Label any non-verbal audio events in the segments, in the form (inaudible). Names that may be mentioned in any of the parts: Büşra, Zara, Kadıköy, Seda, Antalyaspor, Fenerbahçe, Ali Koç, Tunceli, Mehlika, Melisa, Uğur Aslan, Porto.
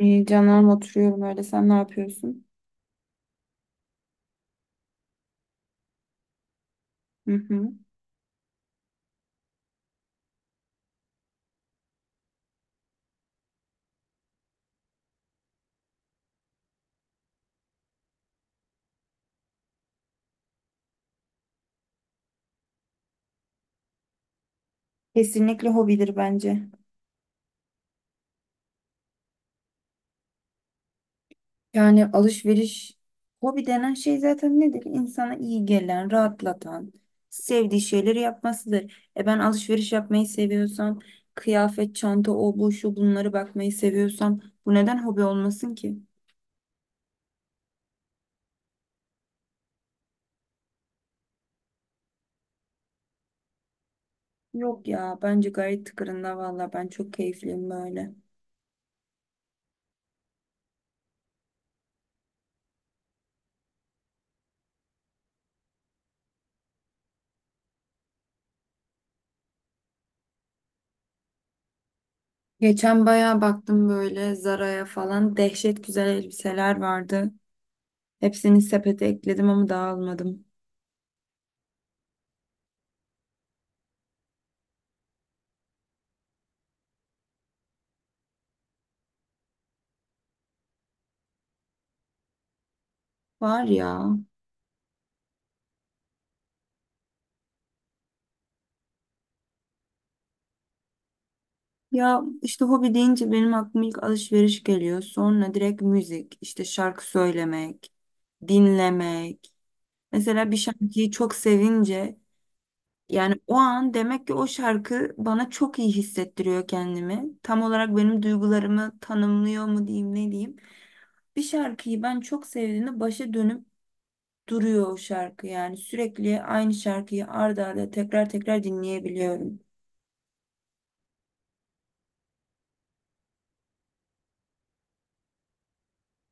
İyi canım oturuyorum öyle. Sen ne yapıyorsun? Hı hı. Kesinlikle hobidir bence. Yani alışveriş hobi denen şey zaten nedir? İnsana iyi gelen, rahatlatan, sevdiği şeyleri yapmasıdır. E ben alışveriş yapmayı seviyorsam, kıyafet, çanta, o bu şu bunları bakmayı seviyorsam bu neden hobi olmasın ki? Yok ya bence gayet tıkırında valla ben çok keyifliyim böyle. Geçen bayağı baktım böyle Zara'ya falan dehşet güzel elbiseler vardı. Hepsini sepete ekledim ama dağılmadım. Var ya. Ya işte hobi deyince benim aklıma ilk alışveriş geliyor. Sonra direkt müzik, işte şarkı söylemek, dinlemek. Mesela bir şarkıyı çok sevince yani o an demek ki o şarkı bana çok iyi hissettiriyor kendimi. Tam olarak benim duygularımı tanımlıyor mu diyeyim ne diyeyim. Bir şarkıyı ben çok sevdiğimde başa dönüp duruyor o şarkı yani sürekli aynı şarkıyı arda arda tekrar tekrar dinleyebiliyorum.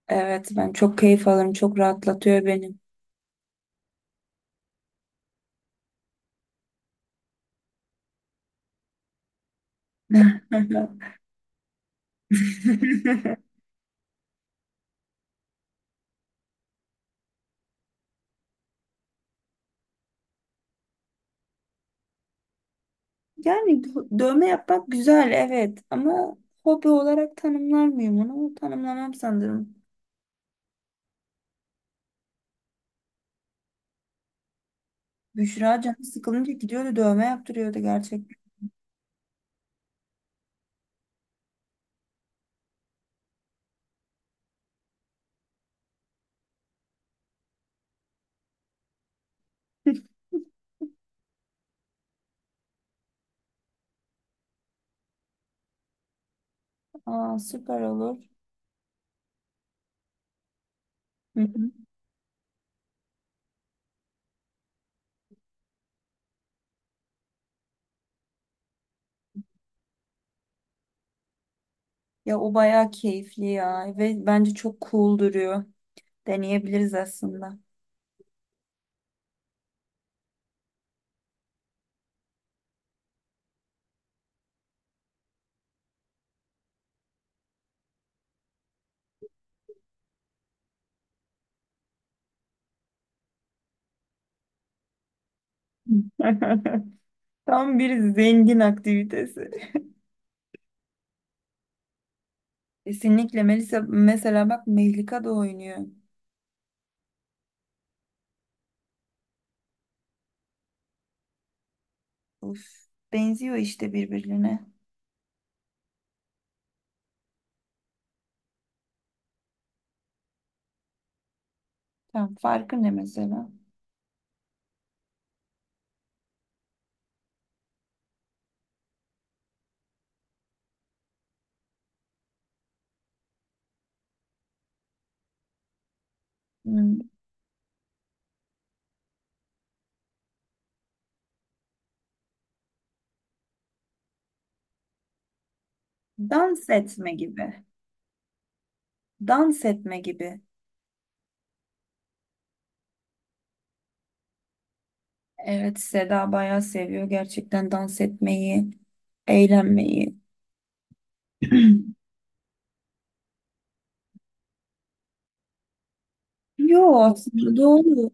Evet ben çok keyif alırım. Çok rahatlatıyor beni. (laughs) Yani dövme yapmak güzel evet ama hobi olarak tanımlar mıyım onu? Tanımlamam sanırım. Büşra canı sıkılınca gidiyordu dövme yaptırıyordu gerçekten. Aa süper olur. Hı hı. Ya o bayağı keyifli ya ve bence çok cool duruyor. Deneyebiliriz aslında. (laughs) Tam bir zengin aktivitesi. Kesinlikle Melisa mesela bak Mehlika da oynuyor. Uf, benziyor işte birbirine. Tam farkı ne mesela? Hmm, dans etme gibi. Dans etme gibi. Evet Seda bayağı seviyor gerçekten dans etmeyi, eğlenmeyi. (clears throat) Yo aslında doğru.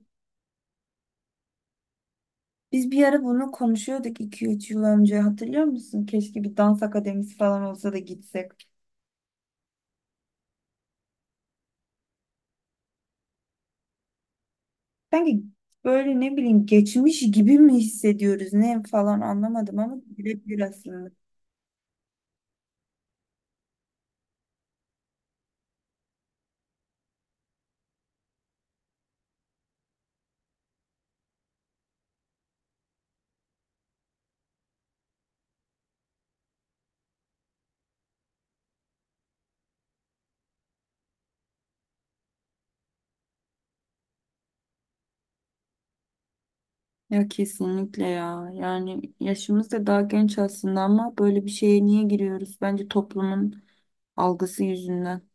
Biz bir ara bunu konuşuyorduk 2-3 yıl önce hatırlıyor musun? Keşke bir dans akademisi falan olsa da gitsek. Sanki böyle ne bileyim geçmiş gibi mi hissediyoruz ne falan anlamadım ama birebir aslında. Ya kesinlikle ya. Yani yaşımız da daha genç aslında ama böyle bir şeye niye giriyoruz? Bence toplumun algısı yüzünden.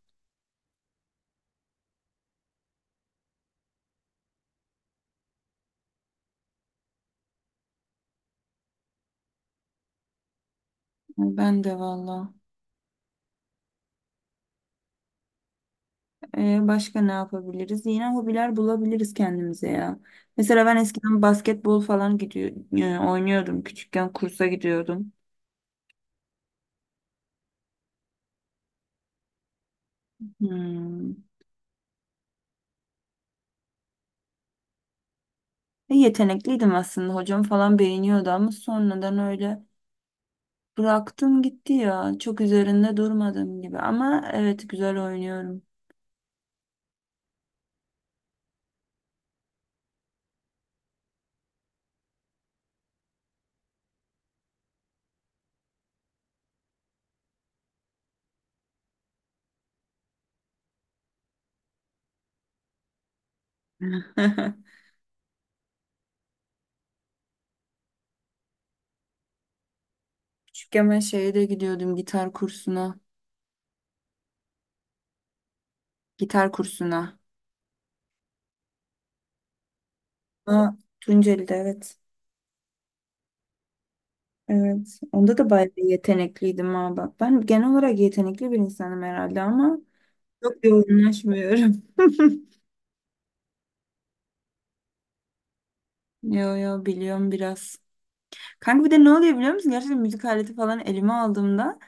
Ben de valla. Başka ne yapabiliriz? Yine hobiler bulabiliriz kendimize ya. Mesela ben eskiden basketbol falan gidiyor, oynuyordum. Küçükken kursa gidiyordum. Hmm. Yetenekliydim aslında. Hocam falan beğeniyordu ama sonradan öyle bıraktım gitti ya. Çok üzerinde durmadım gibi. Ama evet güzel oynuyorum. (laughs) Küçükken ben şeye de gidiyordum gitar kursuna. Gitar kursuna. Aa, Tunceli'de evet. Evet. Onda da bayağı yetenekliydim ha bak. Ben genel olarak yetenekli bir insanım herhalde ama çok yoğunlaşmıyorum. (laughs) Yo yo biliyorum biraz. Kanka bir de ne oluyor biliyor musun? Gerçekten müzik aleti falan elime aldığımda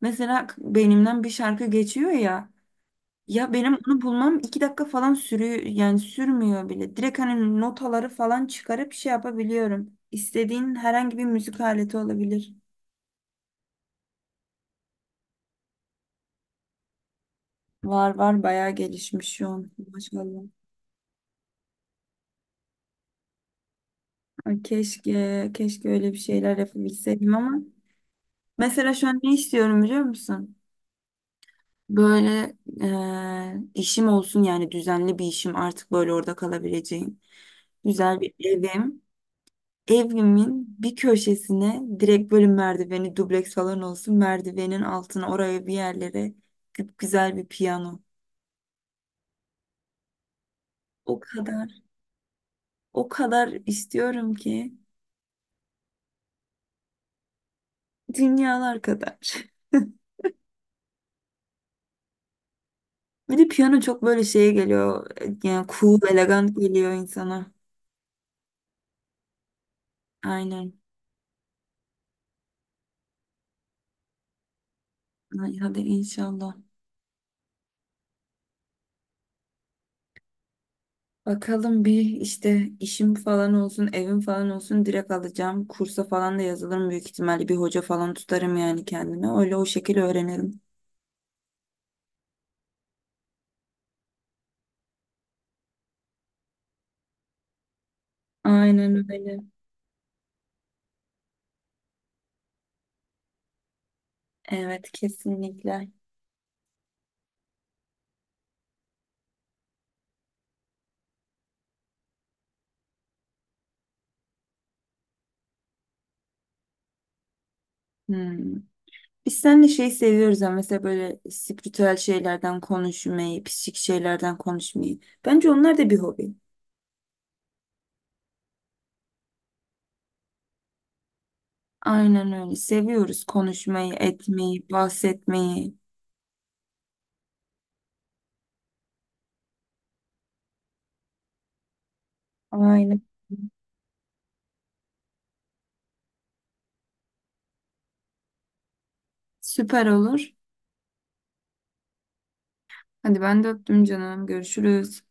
mesela beynimden bir şarkı geçiyor ya. Ya benim onu bulmam 2 dakika falan sürüyor yani sürmüyor bile. Direkt hani notaları falan çıkarıp şey yapabiliyorum. İstediğin herhangi bir müzik aleti olabilir. Var var bayağı gelişmiş şu an. Maşallah. Ay keşke, keşke öyle bir şeyler yapabilseydim ama mesela şu an ne istiyorum biliyor musun? Böyle işim olsun yani düzenli bir işim artık böyle orada kalabileceğim. Güzel bir evim. Evimin bir köşesine direkt böyle merdiveni dubleks falan olsun. Merdivenin altına oraya bir yerlere güzel bir piyano. O kadar, o kadar istiyorum ki dünyalar kadar. (laughs) Bir de piyano çok böyle şeye geliyor. Yani cool, elegant geliyor insana. Aynen. Ay, hadi inşallah. Bakalım bir işte işim falan olsun, evim falan olsun direkt alacağım. Kursa falan da yazılırım büyük ihtimalle. Bir hoca falan tutarım yani kendime. Öyle o şekilde öğrenirim. Aynen öyle. Evet kesinlikle. Hmm. Biz seninle şey seviyoruz ama mesela böyle spiritüel şeylerden konuşmayı, psikik şeylerden konuşmayı. Bence onlar da bir hobi. Aynen öyle. Seviyoruz konuşmayı, etmeyi, bahsetmeyi. Aynen. Süper olur. Hadi ben de öptüm canım. Görüşürüz.